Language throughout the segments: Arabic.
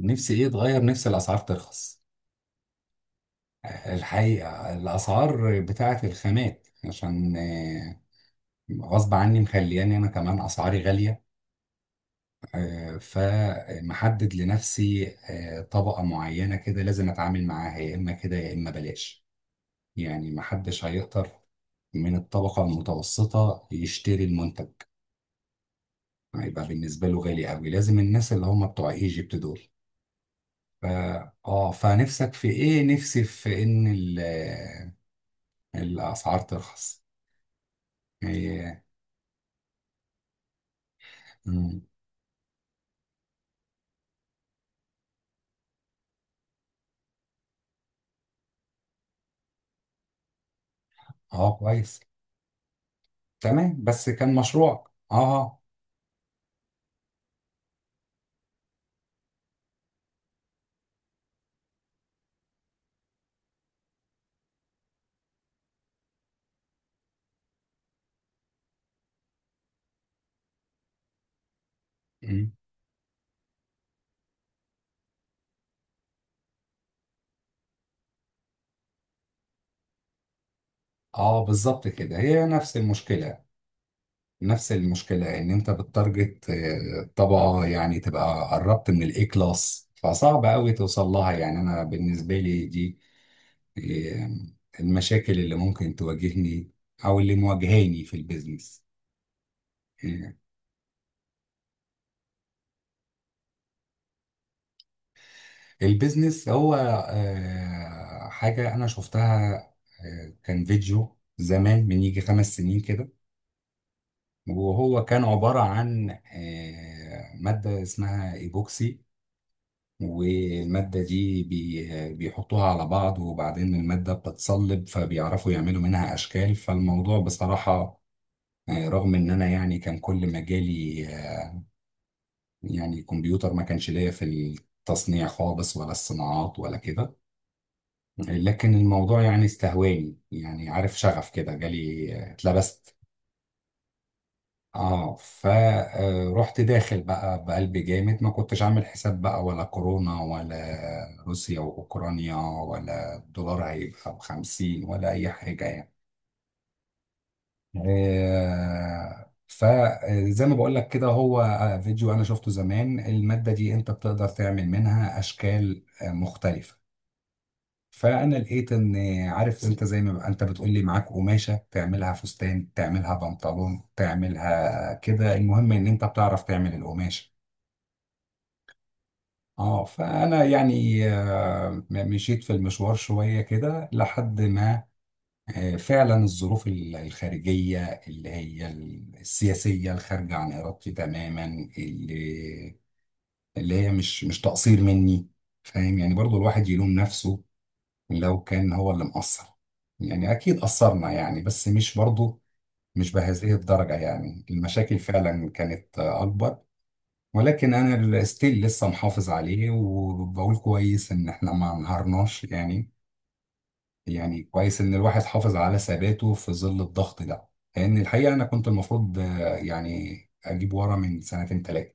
نفسي ايه اتغير؟ نفسي الاسعار ترخص. الحقيقه الاسعار بتاعه الخامات، عشان غصب عني مخلياني انا كمان اسعاري غاليه. فمحدد لنفسي طبقه معينه كده، لازم اتعامل معاها يا اما كده يا اما بلاش. يعني محدش هيقدر من الطبقه المتوسطه يشتري المنتج، هيبقى بالنسبه له غالي قوي، لازم الناس اللي هم بتوع ايجيبت دول. ف- اه، فنفسك في ايه؟ نفسي في ان الأسعار ترخص. إيه. مم. اه، كويس. تمام، بس كان مشروع اه آه. مم. اه، بالظبط كده، هي نفس المشكلة. إن أنت بتتارجت طبقة، يعني تبقى قربت من الإي كلاس، فصعب أوي توصل لها. يعني أنا بالنسبة لي دي آه، المشاكل اللي ممكن تواجهني أو اللي مواجهاني في البيزنس. البيزنس هو حاجة أنا شفتها. كان فيديو زمان من يجي 5 سنين كده، وهو كان عبارة عن مادة اسمها إيبوكسي. والمادة دي بيحطوها على بعض، وبعدين المادة بتتصلب، فبيعرفوا يعملوا منها أشكال. فالموضوع بصراحة، رغم إن أنا يعني كان كل مجالي يعني كمبيوتر، ما كانش ليا في التصنيع خالص ولا الصناعات ولا كده. لكن الموضوع يعني استهواني، يعني عارف، شغف كده جالي، اتلبست. اه، فرحت داخل بقى بقلب جامد، ما كنتش عامل حساب بقى ولا كورونا، ولا روسيا واوكرانيا، ولا الدولار هيبقى بـ50، ولا اي حاجة يعني. فزي ما بقول لك كده، هو فيديو انا شفته زمان، المادة دي انت بتقدر تعمل منها اشكال مختلفة. فانا لقيت ان، عارف انت، زي ما بقى انت بتقول لي معاك قماشه تعملها فستان، تعملها بنطلون، تعملها كده، المهم ان انت بتعرف تعمل القماشه. اه، فانا يعني مشيت في المشوار شويه كده، لحد ما فعلا الظروف الخارجيه اللي هي السياسيه، الخارجه عن ارادتي تماما، اللي اللي هي مش تقصير مني. فاهم، يعني برضو الواحد يلوم نفسه لو كان هو اللي مقصر. يعني أكيد قصرنا يعني، بس مش برضه مش بهذه الدرجة. يعني المشاكل فعلا كانت أكبر. ولكن أنا ستيل لسه محافظ عليه، وبقول كويس إن إحنا ما انهارناش يعني كويس إن الواحد حافظ على ثباته في ظل الضغط ده. لأن الحقيقة أنا كنت المفروض، يعني أجيب ورا من سنتين تلاتة.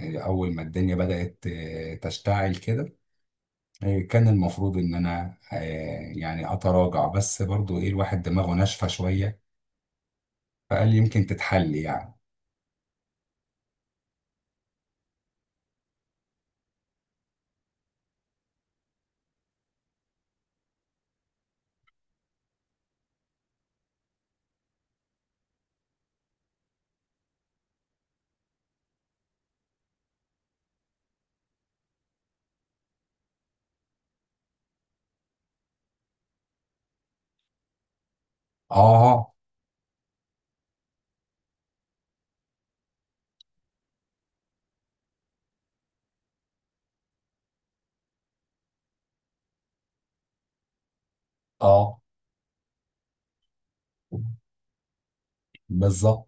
أول ما الدنيا بدأت تشتعل كده، إيه، كان المفروض ان انا يعني اتراجع، بس برضو ايه، الواحد دماغه ناشفه شويه فقال يمكن تتحل يعني. اه اه، بالظبط.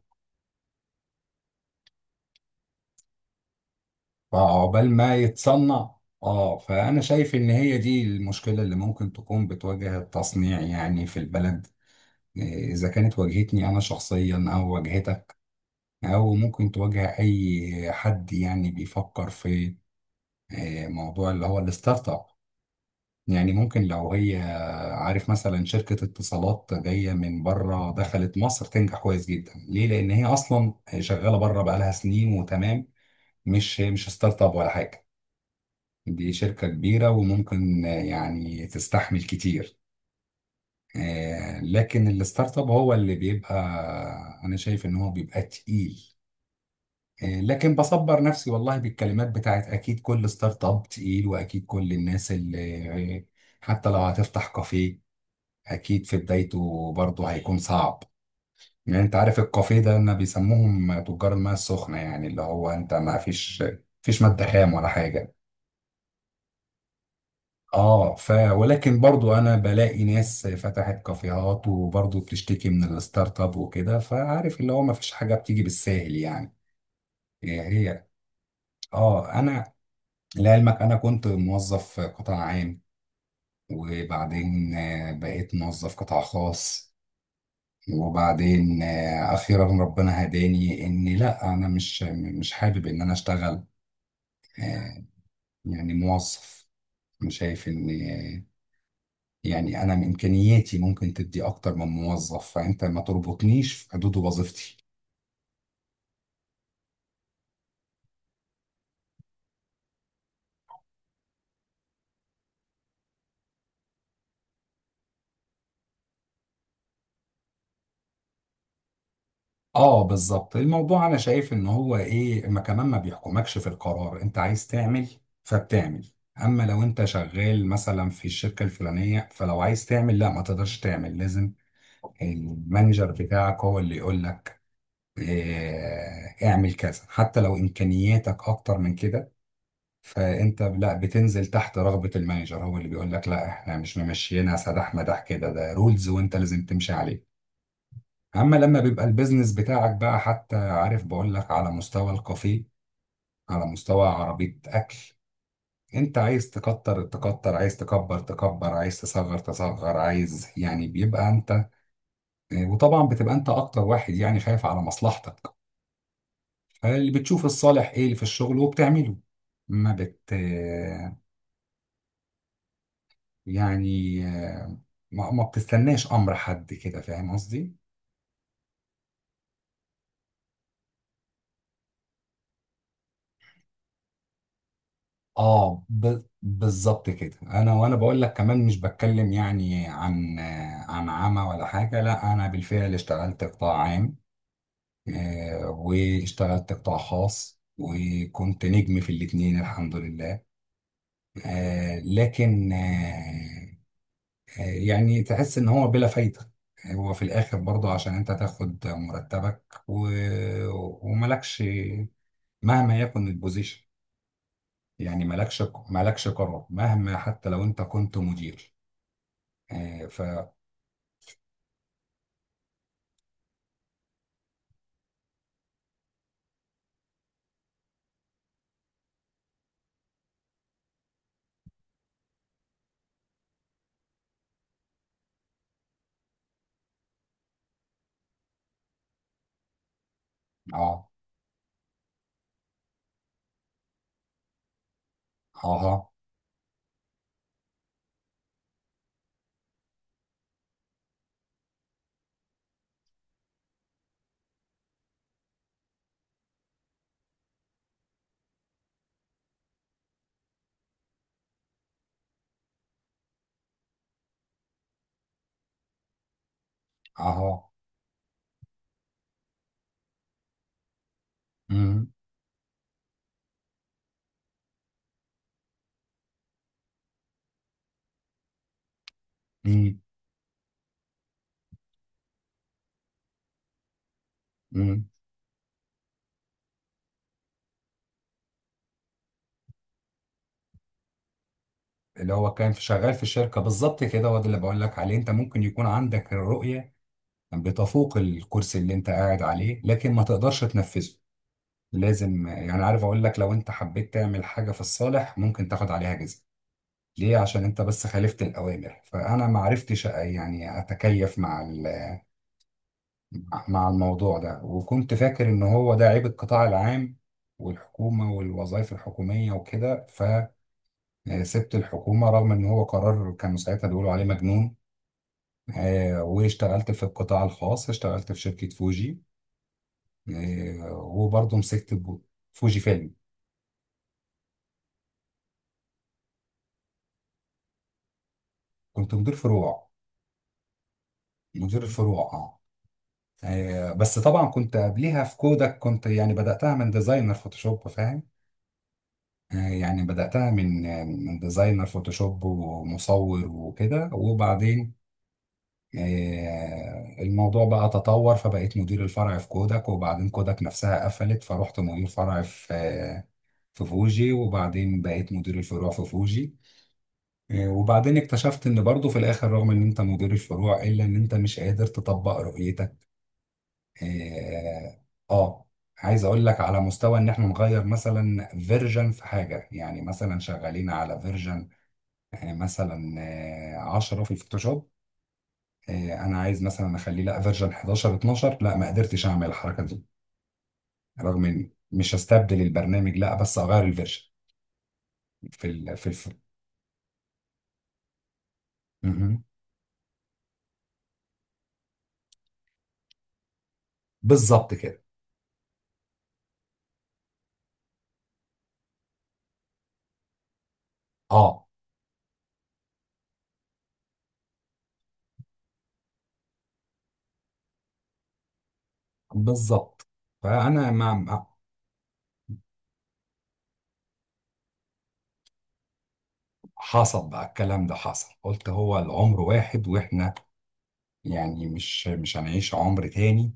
فعقبال ما يتصنع. اه، فانا شايف ان هي دي المشكله اللي ممكن تكون بتواجه التصنيع يعني في البلد. إيه، اذا كانت واجهتني انا شخصيا او واجهتك، او ممكن تواجه اي حد يعني بيفكر في موضوع اللي هو الستارت اب. يعني ممكن لو هي، عارف، مثلا شركة اتصالات جاية من بره، دخلت مصر تنجح كويس جدا ليه؟ لأن هي أصلا شغالة بره بقالها سنين وتمام، مش ستارت اب ولا حاجة. دي شركة كبيرة، وممكن يعني تستحمل كتير. لكن الستارت اب هو اللي بيبقى، أنا شايف إن هو بيبقى تقيل. لكن بصبر نفسي والله بالكلمات بتاعت أكيد كل ستارت اب تقيل، وأكيد كل الناس اللي حتى لو هتفتح كافيه، أكيد في بدايته برضه هيكون صعب. يعني انت عارف الكافيه ده ان بيسموهم تجار الماء السخنه، يعني اللي هو انت ما فيش ماده خام ولا حاجه. اه، ولكن برضو انا بلاقي ناس فتحت كافيهات وبرضو بتشتكي من الستارت اب وكده. فعارف اللي هو ما فيش حاجه بتيجي بالساهل يعني. هي هي، اه، انا لعلمك انا كنت موظف قطاع عام، وبعدين بقيت موظف قطاع خاص. وبعدين اخيرا ربنا هداني ان لا، انا مش حابب ان انا اشتغل يعني موظف. انا شايف ان، يعني انا من امكانياتي ممكن تدي اكتر من موظف، فانت ما تربطنيش في حدود وظيفتي. اه، بالظبط. الموضوع انا شايف ان هو ايه، ما كمان ما بيحكمكش في القرار انت عايز تعمل فبتعمل. اما لو انت شغال مثلا في الشركه الفلانيه، فلو عايز تعمل، لا ما تقدرش تعمل، لازم المانجر بتاعك هو اللي يقول لك إيه، اعمل كذا حتى لو امكانياتك اكتر من كده. فانت لا بتنزل تحت رغبة المانجر، هو اللي بيقول لك لا احنا مش ممشيينها سداح مداح كده، ده رولز وانت لازم تمشي عليه. اما لما بيبقى البيزنس بتاعك بقى، حتى عارف بقول لك على مستوى الكافيه، على مستوى عربية اكل، انت عايز تكتر تكتر، عايز تكبر تكبر، عايز تصغر تصغر، عايز يعني بيبقى انت. وطبعا بتبقى انت اكتر واحد يعني خايف على مصلحتك، فاللي بتشوف الصالح ايه اللي في الشغل وبتعمله. ما بت يعني، ما بتستناش امر حد كده، فاهم قصدي. اه، بالظبط كده. انا بقول لك كمان، مش بتكلم يعني عن عن عمى ولا حاجه، لا انا بالفعل اشتغلت قطاع عام. واشتغلت قطاع خاص، وكنت نجم في الاتنين الحمد لله. لكن يعني تحس ان هو بلا فايده. هو في الاخر برضه عشان انت تاخد مرتبك وملكش، مهما يكن البوزيشن. يعني مالكش قرار، مهما حتى لو انت كنت مدير. آه، ف اه اه اه. مم. مم. مم. اللي هو كان في شغال في الشركه، بالظبط كده، هو ده اللي بقول لك عليه. انت ممكن يكون عندك الرؤيه بتفوق الكرسي اللي انت قاعد عليه، لكن ما تقدرش تنفذه. لازم يعني، عارف، اقول لك لو انت حبيت تعمل حاجه في الصالح ممكن تاخد عليها جزء. ليه؟ عشان انت بس خالفت الاوامر. فانا ما عرفتش يعني اتكيف مع الموضوع ده، وكنت فاكر ان هو ده عيب القطاع العام والحكومة والوظائف الحكومية وكده. فسبت الحكومة، رغم ان هو قرار كانوا ساعتها بيقولوا عليه مجنون. واشتغلت في القطاع الخاص، اشتغلت في شركة فوجي. وبرضه مسكت فوجي فيلم. كنت مدير فروع. مدير الفروع، اه. بس طبعا كنت قبليها في كودك، كنت يعني بدأتها من ديزاينر فوتوشوب، فاهم. يعني بدأتها من ديزاينر فوتوشوب ومصور وكده، وبعدين الموضوع بقى تطور، فبقيت مدير الفرع في كوداك. وبعدين كوداك نفسها قفلت، فروحت مدير فرع في فوجي، وبعدين بقيت مدير الفروع في فوجي. وبعدين اكتشفت ان برضه في الاخر، رغم ان انت مدير الفروع، الا ان انت مش قادر تطبق رؤيتك. اه آه. عايز اقول لك على مستوى ان احنا نغير مثلا فيرجن في حاجه، يعني مثلا شغالين على فيرجن مثلا 10 في الفوتوشوب. انا عايز مثلا اخليه، لا فيرجن 11، 12، لا ما قدرتش اعمل الحركه دي، رغم ان مش هستبدل البرنامج لا، بس اغير الفيرجن في ال في الف... مهم. بالظبط كده. اه، بالظبط. فانا مع. حصل بقى الكلام ده، حصل، قلت هو العمر واحد، واحنا يعني مش هنعيش عمر تاني،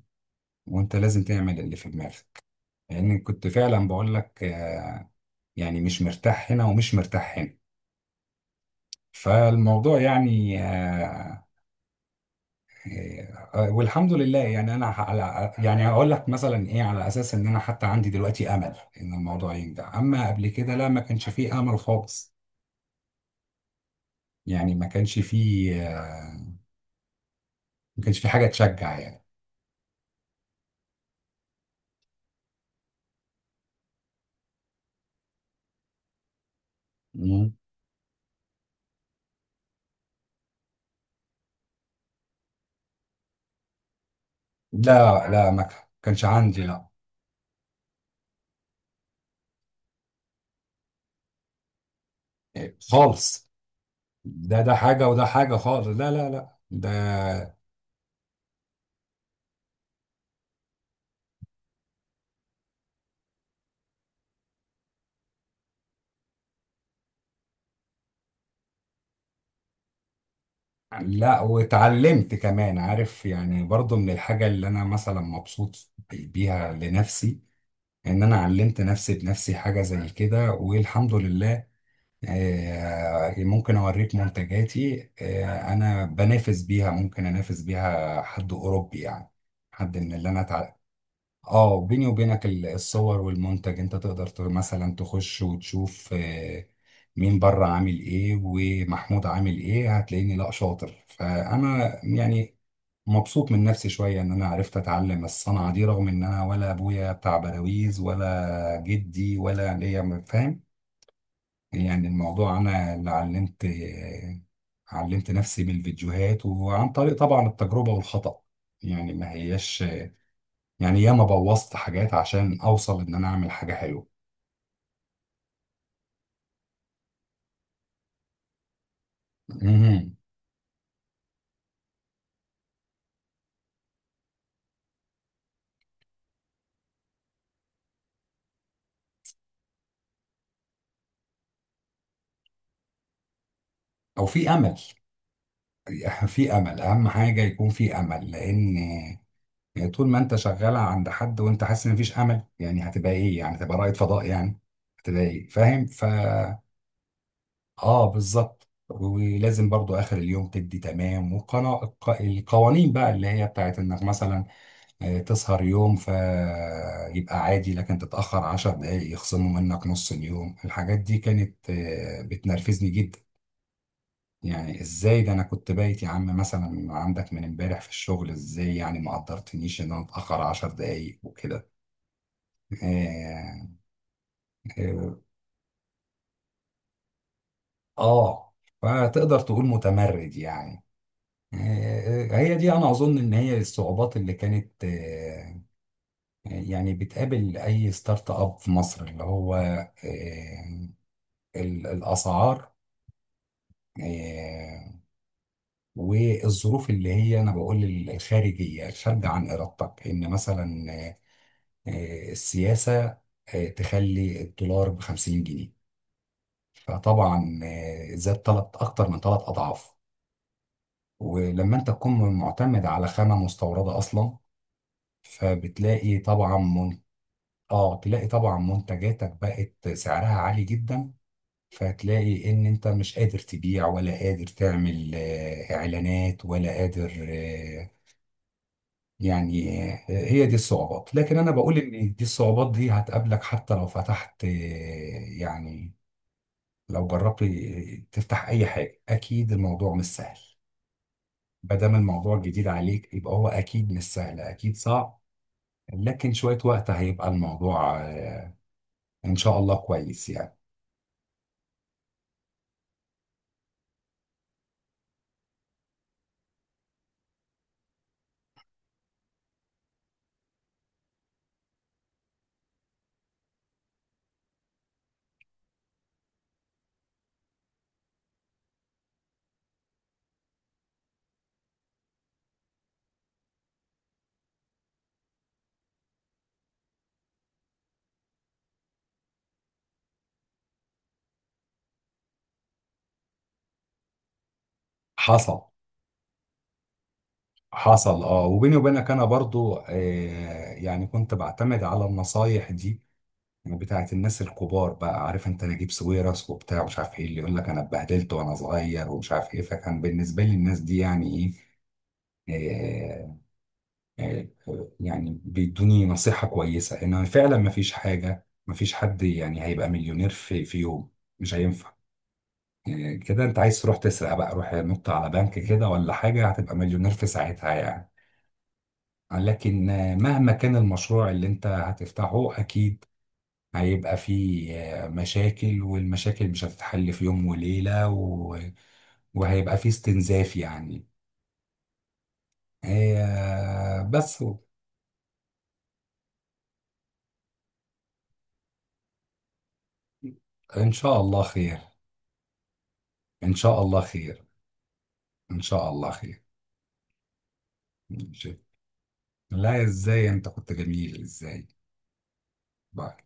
وانت لازم تعمل اللي في دماغك. لان كنت فعلا بقول لك، يعني مش مرتاح هنا ومش مرتاح هنا. فالموضوع يعني والحمد لله. يعني انا على، يعني هقول لك مثلا ايه، على اساس ان انا حتى عندي دلوقتي امل ان الموضوع ينجح. اما قبل كده لا، ما كانش فيه امل خالص. يعني ما كانش فيه حاجه تشجع يعني. مم. لا، لا، ما كانش عندي، لا. إيه، خالص. ده حاجه وده حاجه خالص. لا، لا، لا، ده. لا، واتعلمت كمان، عارف، يعني برضو من الحاجه اللي انا مثلا مبسوط بيها لنفسي، ان انا علمت نفسي بنفسي حاجه زي كده والحمد لله. ممكن اوريك منتجاتي، انا بنافس بيها، ممكن انافس بيها حد اوروبي يعني، حد من اللي انا. اه، بيني وبينك، الصور والمنتج انت تقدر، مثلا تخش وتشوف، مين بره عامل ايه ومحمود عامل ايه، هتلاقيني لا شاطر. فانا يعني مبسوط من نفسي شوية إن أنا عرفت أتعلم الصنعة دي، رغم إن أنا ولا أبويا بتاع بلاويز ولا جدي ولا ليا، فاهم. يعني الموضوع أنا اللي علمت نفسي بالفيديوهات، وعن طريق طبعا التجربة والخطأ. يعني ما هياش، يعني ياما بوظت حاجات عشان أوصل إن أنا أعمل حاجة حلوة. مهم. أو في أمل. في أمل، أهم حاجة يكون في أمل، لأن يعني طول ما انت شغال عند حد وانت حاسس ان مفيش امل، يعني هتبقى ايه يعني، هتبقى رائد فضاء يعني، هتبقى ايه، فاهم. اه، بالظبط. ولازم برضو اخر اليوم تدي تمام، والقوانين بقى اللي هي بتاعت انك مثلا تسهر يوم فيبقى عادي، لكن تتأخر 10 دقايق يخصموا منك نص اليوم. الحاجات دي كانت بتنرفزني جدا. يعني ازاي ده، انا كنت بايت يا عم مثلا عندك من امبارح في الشغل، ازاي يعني ما قدرتنيش ان انا اتأخر 10 دقايق وكده. اه. آه، آه. فتقدر تقول متمرد يعني. هي دي، انا اظن ان هي الصعوبات اللي كانت، يعني بتقابل اي ستارت اب في مصر، اللي هو آه، الاسعار، آه، والظروف اللي هي انا بقول الخارجيه، الخارجه عن ارادتك، ان مثلا السياسه تخلي الدولار ب 50 جنيه، فطبعا زاد ثلاث، اكتر من ثلاث اضعاف. ولما انت تكون معتمد على خامة مستوردة اصلا، فبتلاقي طبعا. اه، تلاقي طبعا منتجاتك بقت سعرها عالي جدا، فتلاقي ان انت مش قادر تبيع، ولا قادر تعمل اعلانات، ولا قادر يعني هي دي الصعوبات. لكن انا بقول ان دي الصعوبات دي هتقابلك حتى لو فتحت، يعني لو جربت تفتح اي حاجة، اكيد الموضوع مش سهل. ما دام الموضوع جديد عليك، يبقى هو اكيد مش سهل، اكيد صعب. لكن شوية وقت هيبقى الموضوع إن شاء الله كويس يعني. حصل حصل. اه، وبيني وبينك أنا برضو، يعني كنت بعتمد على النصايح دي بتاعت الناس الكبار بقى، عارف انت، نجيب ساويرس وبتاع مش عارف ايه، اللي يقول لك انا اتبهدلت وانا صغير ومش عارف ايه. فكان بالنسبه لي الناس دي يعني ايه، آه، يعني بيدوني نصيحه كويسه ان فعلا ما فيش حاجه، ما فيش حد يعني هيبقى مليونير في يوم، مش هينفع. إيه كده، انت عايز تروح تسرق بقى؟ روح نط على بنك كده ولا حاجة، هتبقى مليونير في ساعتها يعني. لكن مهما كان المشروع اللي انت هتفتحه، اكيد هيبقى فيه مشاكل، والمشاكل مش هتتحل في يوم وليلة وهيبقى فيه استنزاف يعني. بس، ان شاء الله خير. ان شاء الله خير. ان شاء الله خير. لا، ازاي، انت كنت جميل، ازاي. باي.